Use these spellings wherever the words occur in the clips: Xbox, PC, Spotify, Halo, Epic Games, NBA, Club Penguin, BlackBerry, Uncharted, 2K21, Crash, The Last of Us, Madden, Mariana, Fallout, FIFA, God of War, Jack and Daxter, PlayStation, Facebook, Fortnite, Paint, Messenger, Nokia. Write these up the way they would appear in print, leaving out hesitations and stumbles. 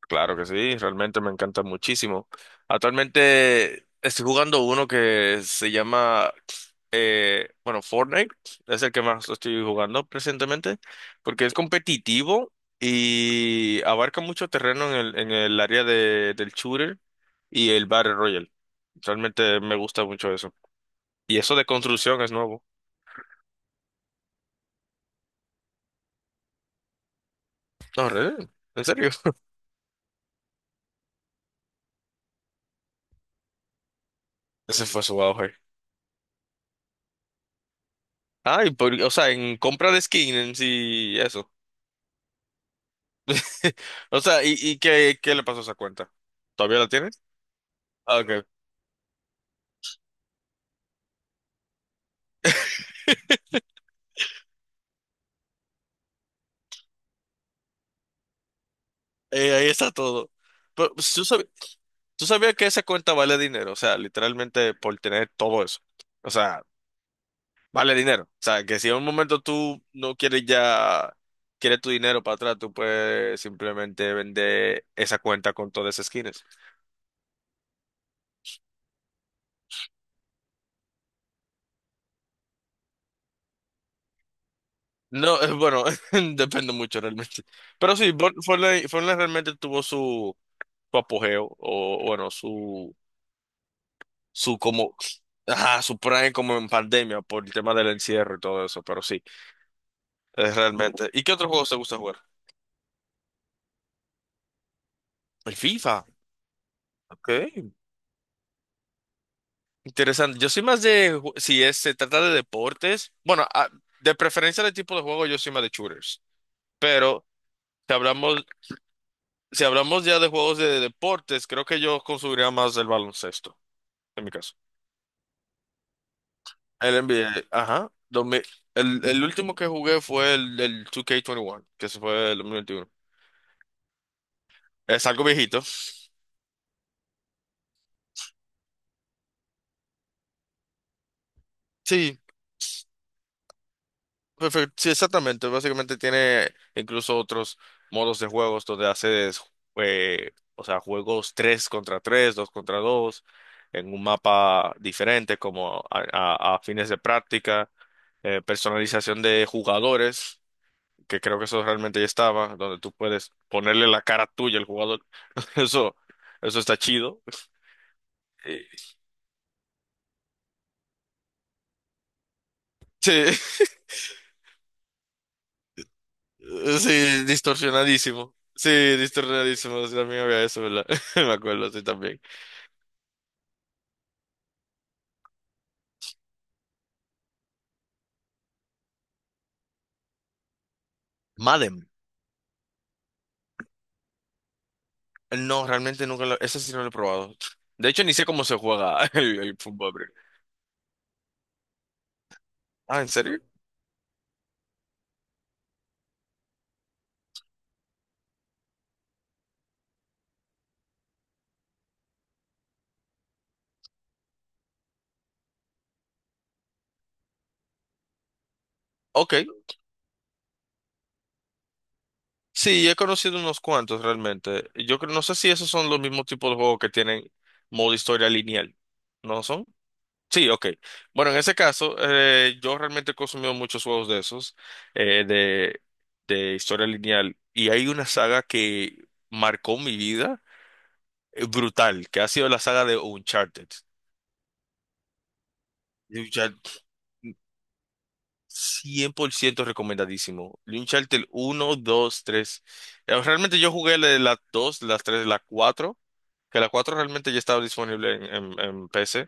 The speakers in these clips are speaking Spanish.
Claro que sí, realmente me encanta muchísimo. Actualmente estoy jugando uno que se llama, bueno, Fortnite, es el que más estoy jugando presentemente, porque es competitivo y abarca mucho terreno en el área del shooter y el Battle Royale. Realmente me gusta mucho eso. Y eso de construcción es nuevo. No, en serio. Ese fue su auge. Ah, y o sea, en compra de skin en sí, eso. O sea, ¿y qué le pasó a esa cuenta? ¿Todavía la tienes? Ah, ok. Ahí está todo. Pero pues, tú sabías que esa cuenta vale dinero, o sea, literalmente por tener todo eso. O sea, vale dinero. O sea, que si en un momento tú no quieres ya, quieres tu dinero para atrás, tú puedes simplemente vender esa cuenta con todas esas skins. No, bueno, depende mucho realmente. Pero sí, Fortnite realmente tuvo su apogeo, o bueno, su como ajá, su prime como en pandemia por el tema del encierro y todo eso, pero sí, es realmente. ¿Y qué otros juegos te gusta jugar? El FIFA, ok, interesante. Yo soy más de, si es, se trata de deportes, bueno, de preferencia de tipo de juego, yo soy más de shooters, pero si hablamos, si hablamos ya de juegos de deportes, creo que yo consumiría más el baloncesto, en mi caso. El NBA, ajá, 2000, el último que jugué fue el 2K21, que se fue el 2021. Es algo viejito. Sí, perfecto. Sí, exactamente. Básicamente tiene incluso otros modos de juegos donde haces, o sea, juegos 3 contra 3, 2 contra 2, en un mapa diferente, como a fines de práctica, personalización de jugadores, que creo que eso realmente ya estaba, donde tú puedes ponerle la cara tuya al jugador. Eso, eso está chido. Eh, Sí, sí, distorsionadísimo. Sí, distorsionadísimo. Sí, también había eso, ¿verdad? Me acuerdo, sí, también. Madden. No, realmente nunca lo... Ese sí no lo he probado. De hecho, ni sé cómo se juega el fútbol, bro. Ah, ¿en serio? Ok. Sí, he conocido unos cuantos realmente. No sé si esos son los mismos tipos de juegos que tienen modo historia lineal. ¿No son? Sí, ok. Bueno, en ese caso, yo realmente he consumido muchos juegos de esos, eh, de, de historia lineal. Y hay una saga que marcó mi vida, brutal, que ha sido la saga de Uncharted. De Uncharted. 100% recomendadísimo. Uncharted uno dos tres. Realmente yo jugué la de las 2, las 3, la 4, que la 4 realmente ya estaba disponible en PC,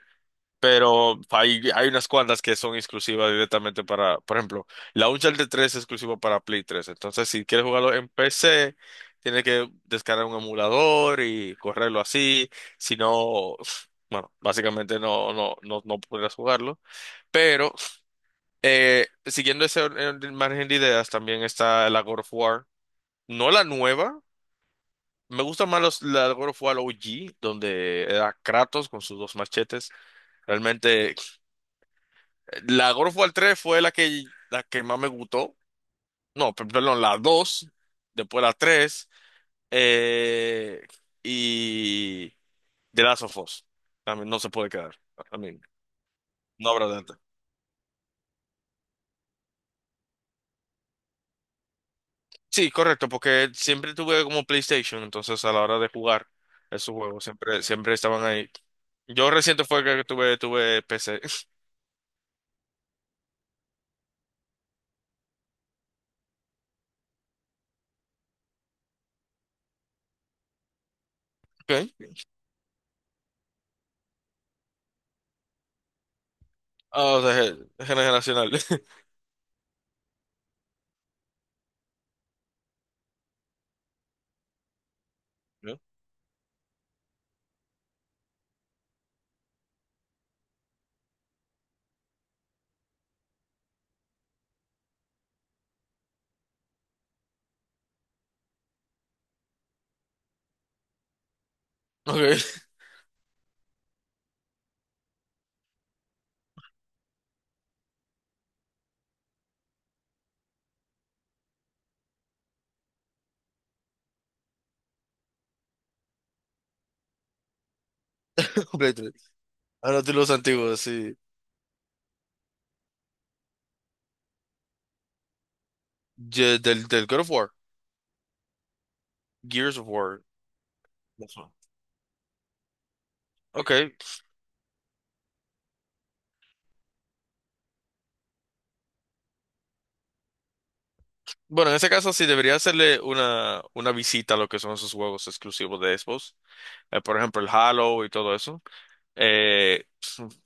pero hay unas cuantas que son exclusivas directamente para, por ejemplo, la Uncharted tres es exclusiva para Play tres, entonces si quieres jugarlo en PC, tienes que descargar un emulador y correrlo así, si no, bueno, básicamente no, no, no, no podrás jugarlo. Pero siguiendo ese margen de ideas, también está la God of War. No la nueva. Me gusta más la God of War OG, donde era Kratos con sus dos machetes. Realmente, la God of War 3 fue la que más me gustó. No, perdón, la dos, después la tres, eh, y The Last of Us. También no se puede quedar. I mean, no habrá de... Sí, correcto, porque siempre tuve como PlayStation, entonces a la hora de jugar esos juegos siempre, siempre estaban ahí. Yo reciente fue que tuve PC. Okay. Ah, o sea, generacional. ¿No? Okay. Play 3. Ahora tú los antiguos, sí. Del God of War. Gears of War. Eso. Okay. Bueno, en ese caso sí debería hacerle una visita a lo que son esos juegos exclusivos de Xbox. Por ejemplo, el Halo y todo eso. Eh,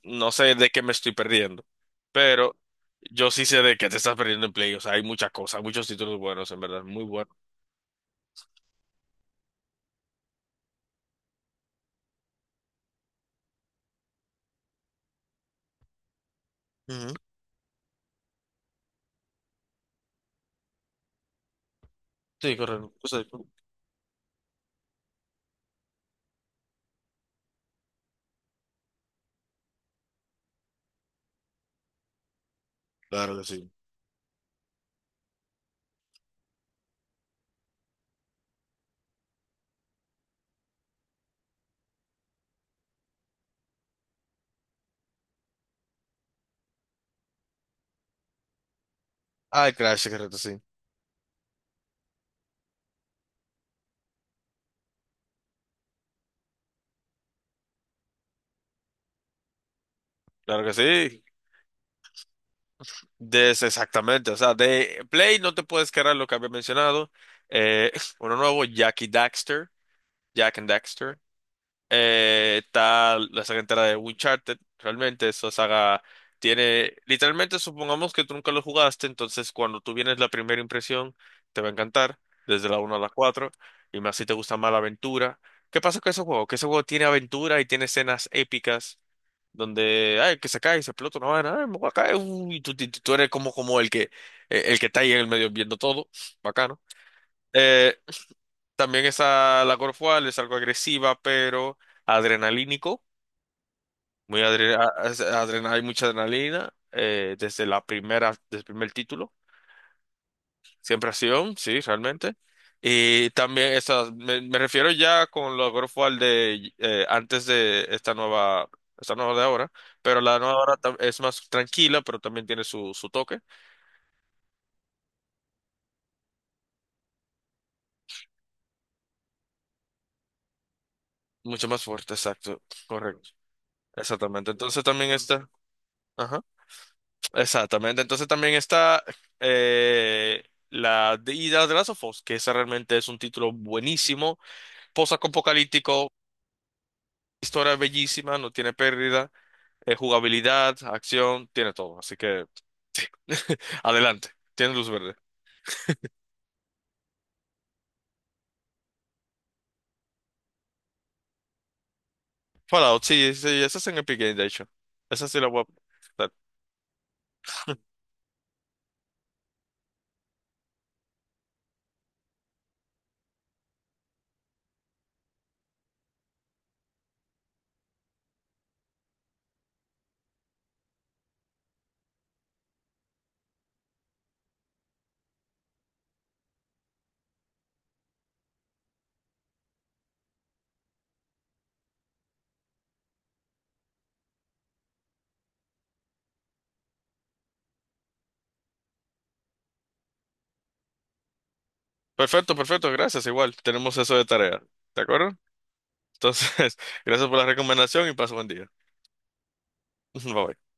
no sé de qué me estoy perdiendo, pero yo sí sé de qué te estás perdiendo en Play. O sea, hay muchas cosas, muchos títulos buenos, en verdad, muy buenos. Ujú. Sí, correcto. O sea, claro que sí. Ah, el Crash, correcto, sí. Claro que sí. De ese exactamente. O sea, de Play no te puedes cargar lo que había mencionado. Eh, Uno nuevo, Jackie Daxter, Jack and Daxter. Está la saga entera de Uncharted. Realmente esa saga tiene, literalmente supongamos que tú nunca lo jugaste, entonces cuando tú vienes la primera impresión te va a encantar, desde la uno a la cuatro, y más si te gusta más la aventura. ¿Qué pasa con ese juego? Que ese juego tiene aventura y tiene escenas épicas donde, ay, que se cae y se explota una vaina, ay, me voy a caer, uy, y tú, tú eres como el que está ahí en el medio viendo todo, bacano. Eh, También esa, la God of War es algo agresiva, pero adrenalínico. Muy adre- a- adrena- Hay mucha adrenalina desde la primera, desde el primer título. Siempre acción, sí, realmente. Y también esas, me refiero ya con los God of War de antes de esta nueva de ahora, pero la nueva ahora es más tranquila, pero también tiene su toque, mucho más fuerte, exacto, correcto. Exactamente. Entonces también está, ajá, exactamente. Entonces también está eh, la de, y la de Last of Us, que esa realmente es un título buenísimo post-apocalíptico, historia bellísima, no tiene pérdida, jugabilidad, acción, tiene todo. Así que adelante, tiene luz verde. Fallout, sí, sí, esa es en Epic Games, de hecho. Esa sí la voy a... Perfecto, perfecto, gracias, igual. Tenemos eso de tarea, ¿de acuerdo? Entonces, gracias por la recomendación y paso buen día. Bye bye.